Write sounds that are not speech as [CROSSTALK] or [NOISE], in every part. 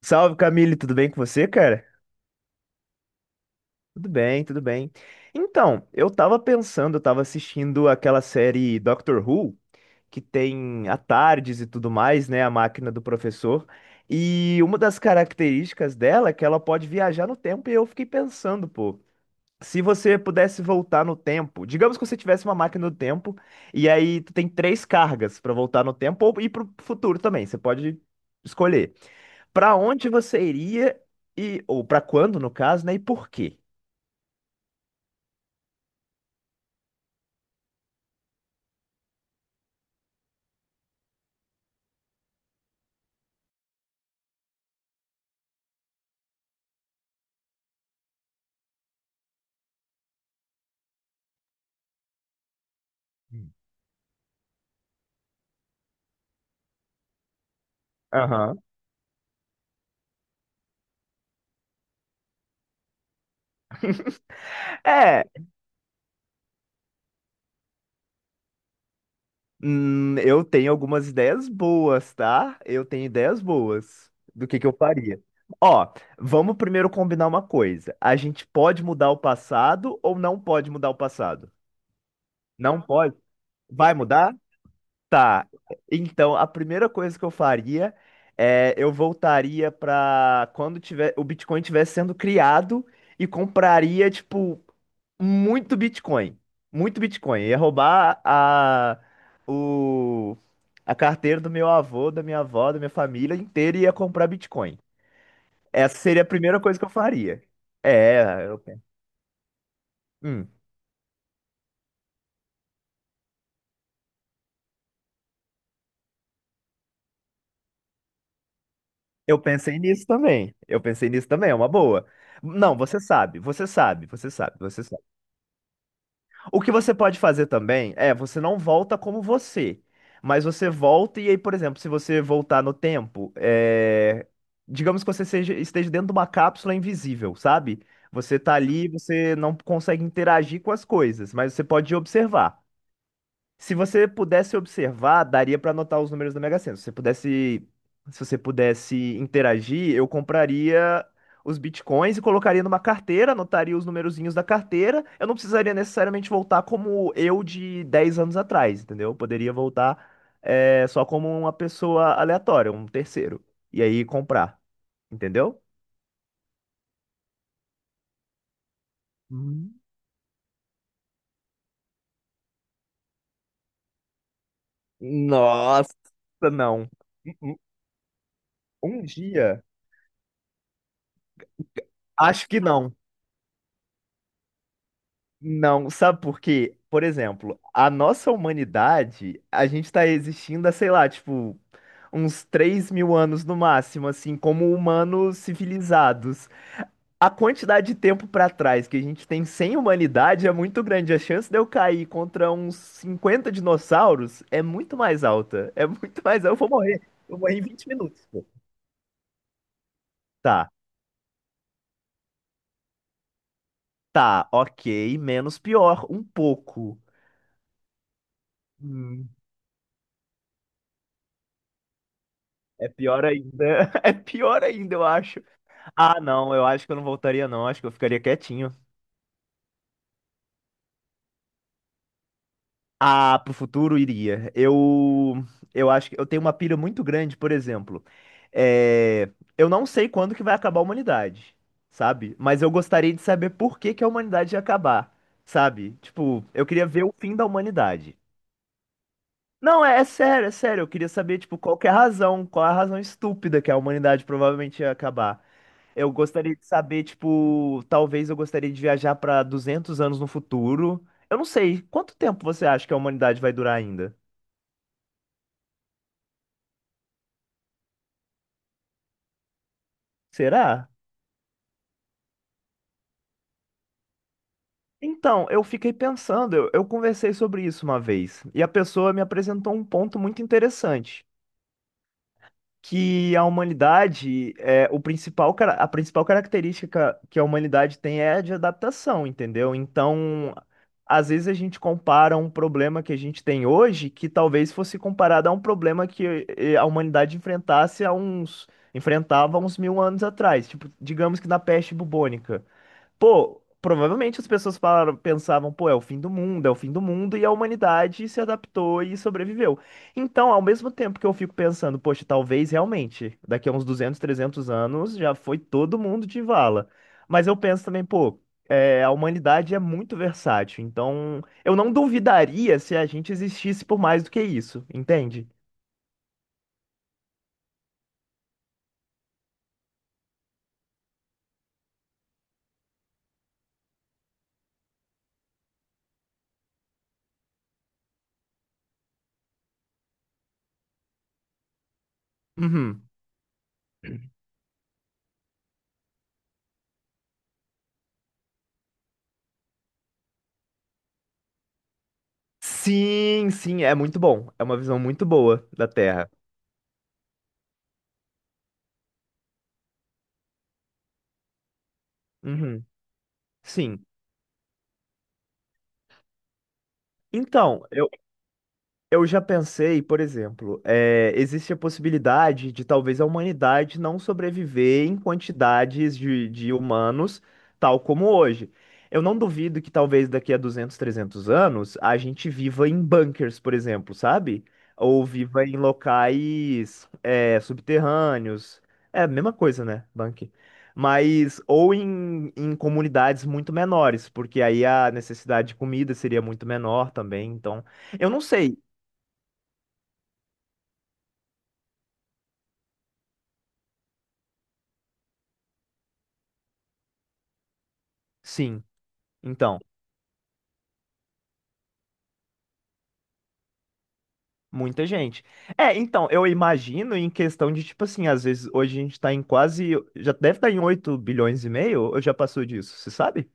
Salve, Camille, tudo bem com você, cara? Tudo bem, tudo bem. Então, eu tava assistindo aquela série Doctor Who, que tem a Tardes e tudo mais, né? A máquina do professor. E uma das características dela é que ela pode viajar no tempo, e eu fiquei pensando, pô. Se você pudesse voltar no tempo, digamos que você tivesse uma máquina do tempo, e aí tu tem três cargas para voltar no tempo ou ir pro futuro também, você pode escolher. Para onde você iria e ou para quando, no caso, né? E por quê? Hum. Aham. É, eu tenho algumas ideias boas, tá? Eu tenho ideias boas do que eu faria. Ó, vamos primeiro combinar uma coisa. A gente pode mudar o passado ou não pode mudar o passado? Não pode? Vai mudar? Tá. Então, a primeira coisa que eu faria é eu voltaria para quando tiver o Bitcoin estivesse sendo criado e compraria tipo muito Bitcoin, muito Bitcoin. Ia roubar o a carteira do meu avô, da minha avó, da minha família inteira e ia comprar Bitcoin. Essa seria a primeira coisa que eu faria. É, hum, eu pensei nisso também. Eu pensei nisso também, é uma boa. Não, você sabe, você sabe, você sabe, você sabe. O que você pode fazer também é, você não volta como você, mas você volta e aí, por exemplo, se você voltar no tempo, é, digamos que você esteja dentro de uma cápsula invisível, sabe? Você tá ali, você não consegue interagir com as coisas, mas você pode observar. Se você pudesse observar, daria pra anotar os números da Mega Sena. Se você pudesse interagir, eu compraria os bitcoins e colocaria numa carteira, anotaria os numerozinhos da carteira. Eu não precisaria necessariamente voltar como eu de 10 anos atrás, entendeu? Eu poderia voltar só como uma pessoa aleatória, um terceiro. E aí comprar, entendeu? Hum. Nossa, não. Um um dia, acho que não. Não, sabe por quê? Por exemplo, a nossa humanidade, a gente tá existindo há, sei lá, tipo, uns 3.000 anos no máximo, assim, como humanos civilizados. A quantidade de tempo pra trás que a gente tem sem humanidade é muito grande. A chance de eu cair contra uns 50 dinossauros é muito mais alta. É muito mais alta. Eu vou morrer. Eu morri em 20 minutos, pô. Tá, tá, ok. Menos pior, um pouco. Hum, é pior ainda. [LAUGHS] É pior ainda, eu acho. Ah, não, eu acho que eu não voltaria, não. Acho que eu ficaria quietinho. Ah, pro futuro iria. Eu acho que eu tenho uma pilha muito grande, por exemplo. É, eu não sei quando que vai acabar a humanidade, sabe? Mas eu gostaria de saber por que que a humanidade ia acabar, sabe? Tipo, eu queria ver o fim da humanidade. Não, é sério, é sério. Eu queria saber, tipo, qual é a razão estúpida que a humanidade provavelmente ia acabar. Eu gostaria de saber, tipo, talvez eu gostaria de viajar para 200 anos no futuro. Eu não sei, quanto tempo você acha que a humanidade vai durar ainda? Será? Então, eu fiquei pensando, eu conversei sobre isso uma vez, e a pessoa me apresentou um ponto muito interessante. Que a humanidade é a principal característica que a humanidade tem é a de adaptação, entendeu? Então, às vezes a gente compara um problema que a gente tem hoje que talvez fosse comparado a um problema que a humanidade enfrentasse há uns enfrentava há uns 1.000 anos atrás, tipo, digamos que na peste bubônica. Pô, provavelmente as pessoas falaram, pensavam, pô, é o fim do mundo, é o fim do mundo, e a humanidade se adaptou e sobreviveu. Então, ao mesmo tempo que eu fico pensando, poxa, talvez realmente, daqui a uns 200, 300 anos, já foi todo mundo de vala. Mas eu penso também, pô, a humanidade é muito versátil, então eu não duvidaria se a gente existisse por mais do que isso, entende? Uhum. Sim, sim, é muito bom. É uma visão muito boa da Terra. Uhum. Sim. Então, eu já pensei, por exemplo, existe a possibilidade de talvez a humanidade não sobreviver em quantidades de humanos, tal como hoje. Eu não duvido que talvez daqui a 200, 300 anos a gente viva em bunkers, por exemplo, sabe? Ou viva em locais subterrâneos. É a mesma coisa, né? Bunker. Mas, ou em comunidades muito menores, porque aí a necessidade de comida seria muito menor também, então. Eu não sei, sim, então, muita gente. É, então, eu imagino em questão de, tipo assim, às vezes hoje a gente tá em quase, já deve estar em 8,5 bilhões, ou já passou disso, você sabe?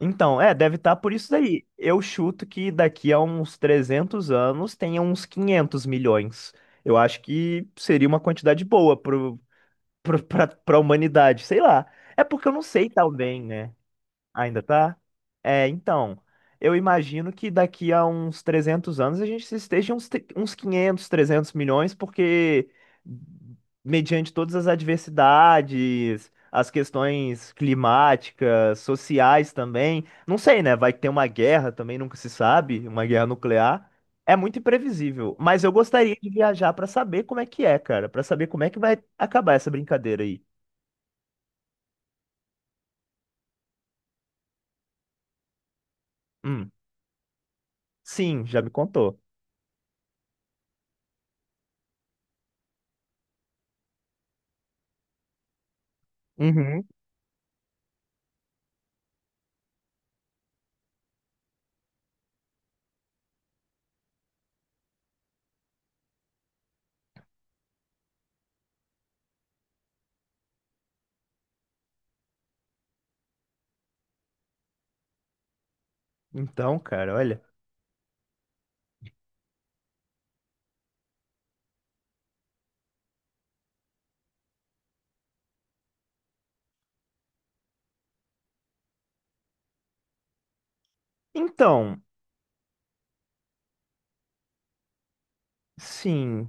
Então, é, deve estar por isso daí. Eu chuto que daqui a uns 300 anos tenha uns 500 milhões. Eu acho que seria uma quantidade boa pra humanidade, sei lá. É porque eu não sei tão, né? Ainda tá? É, então, eu imagino que daqui a uns 300 anos a gente esteja uns 500, 300 milhões, porque mediante todas as adversidades, as questões climáticas, sociais também, não sei, né? Vai ter uma guerra também, nunca se sabe, uma guerra nuclear. É muito imprevisível, mas eu gostaria de viajar para saber como é que é, cara, para saber como é que vai acabar essa brincadeira aí. Hum, sim, já me contou. Uhum. Então, cara, olha. Então, sim.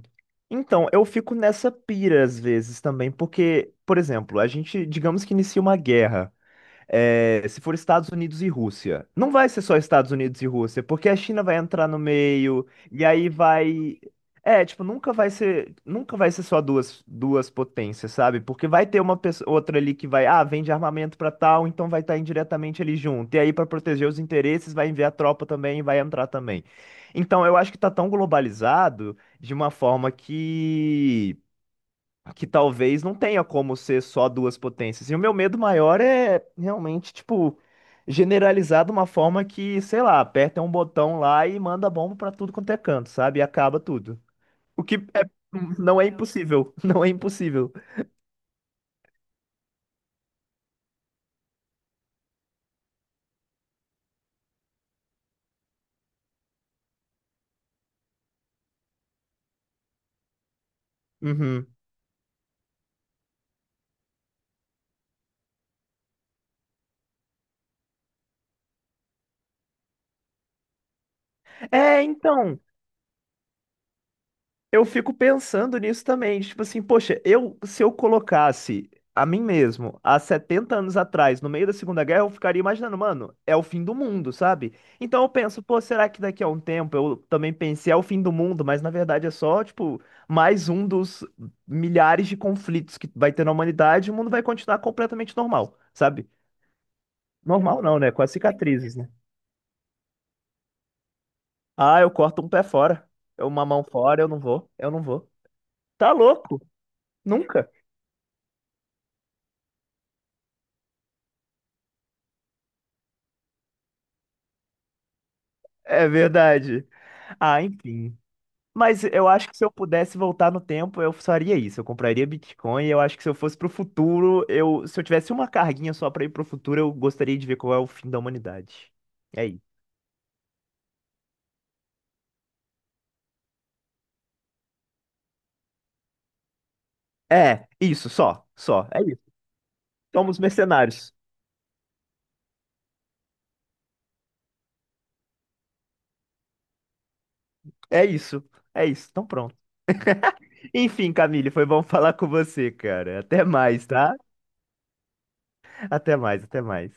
Então, eu fico nessa pira às vezes também, porque, por exemplo, a gente, digamos que inicia uma guerra. É, se for Estados Unidos e Rússia, não vai ser só Estados Unidos e Rússia, porque a China vai entrar no meio, e aí vai. É, tipo, nunca vai ser só duas potências, sabe? Porque vai ter uma pessoa, outra ali que vai, vende armamento pra tal, então vai estar indiretamente ali junto. E aí, pra proteger os interesses, vai enviar tropa também e vai entrar também. Então, eu acho que tá tão globalizado de uma forma que talvez não tenha como ser só duas potências. E o meu medo maior é realmente, tipo, generalizar de uma forma que, sei lá, aperta um botão lá e manda bomba pra tudo quanto é canto, sabe? E acaba tudo. O que é- não é impossível, [LAUGHS] não é impossível. Uhum. É, então. Eu fico pensando nisso também, tipo assim, poxa, eu se eu colocasse a mim mesmo há 70 anos atrás, no meio da Segunda Guerra, eu ficaria imaginando, mano, é o fim do mundo, sabe? Então eu penso, pô, será que daqui a um tempo eu também pensei, é o fim do mundo, mas na verdade é só, tipo, mais um dos milhares de conflitos que vai ter na humanidade, e o mundo vai continuar completamente normal, sabe? Normal não, né? Com as cicatrizes, né? Ah, eu corto um pé fora, eu uma mão fora, eu não vou, eu não vou. Tá louco? Nunca. É verdade. Ah, enfim. Mas eu acho que se eu pudesse voltar no tempo, eu faria isso. Eu compraria Bitcoin. E eu acho que se eu fosse pro futuro, se eu tivesse uma carguinha só pra ir pro futuro, eu gostaria de ver qual é o fim da humanidade. É isso. É, isso, só, só. É isso. Somos mercenários. É isso. É isso. Então pronto. Enfim, Camille, foi bom [LAUGHS] falar com você, cara. Até mais, tá? Até mais, até mais.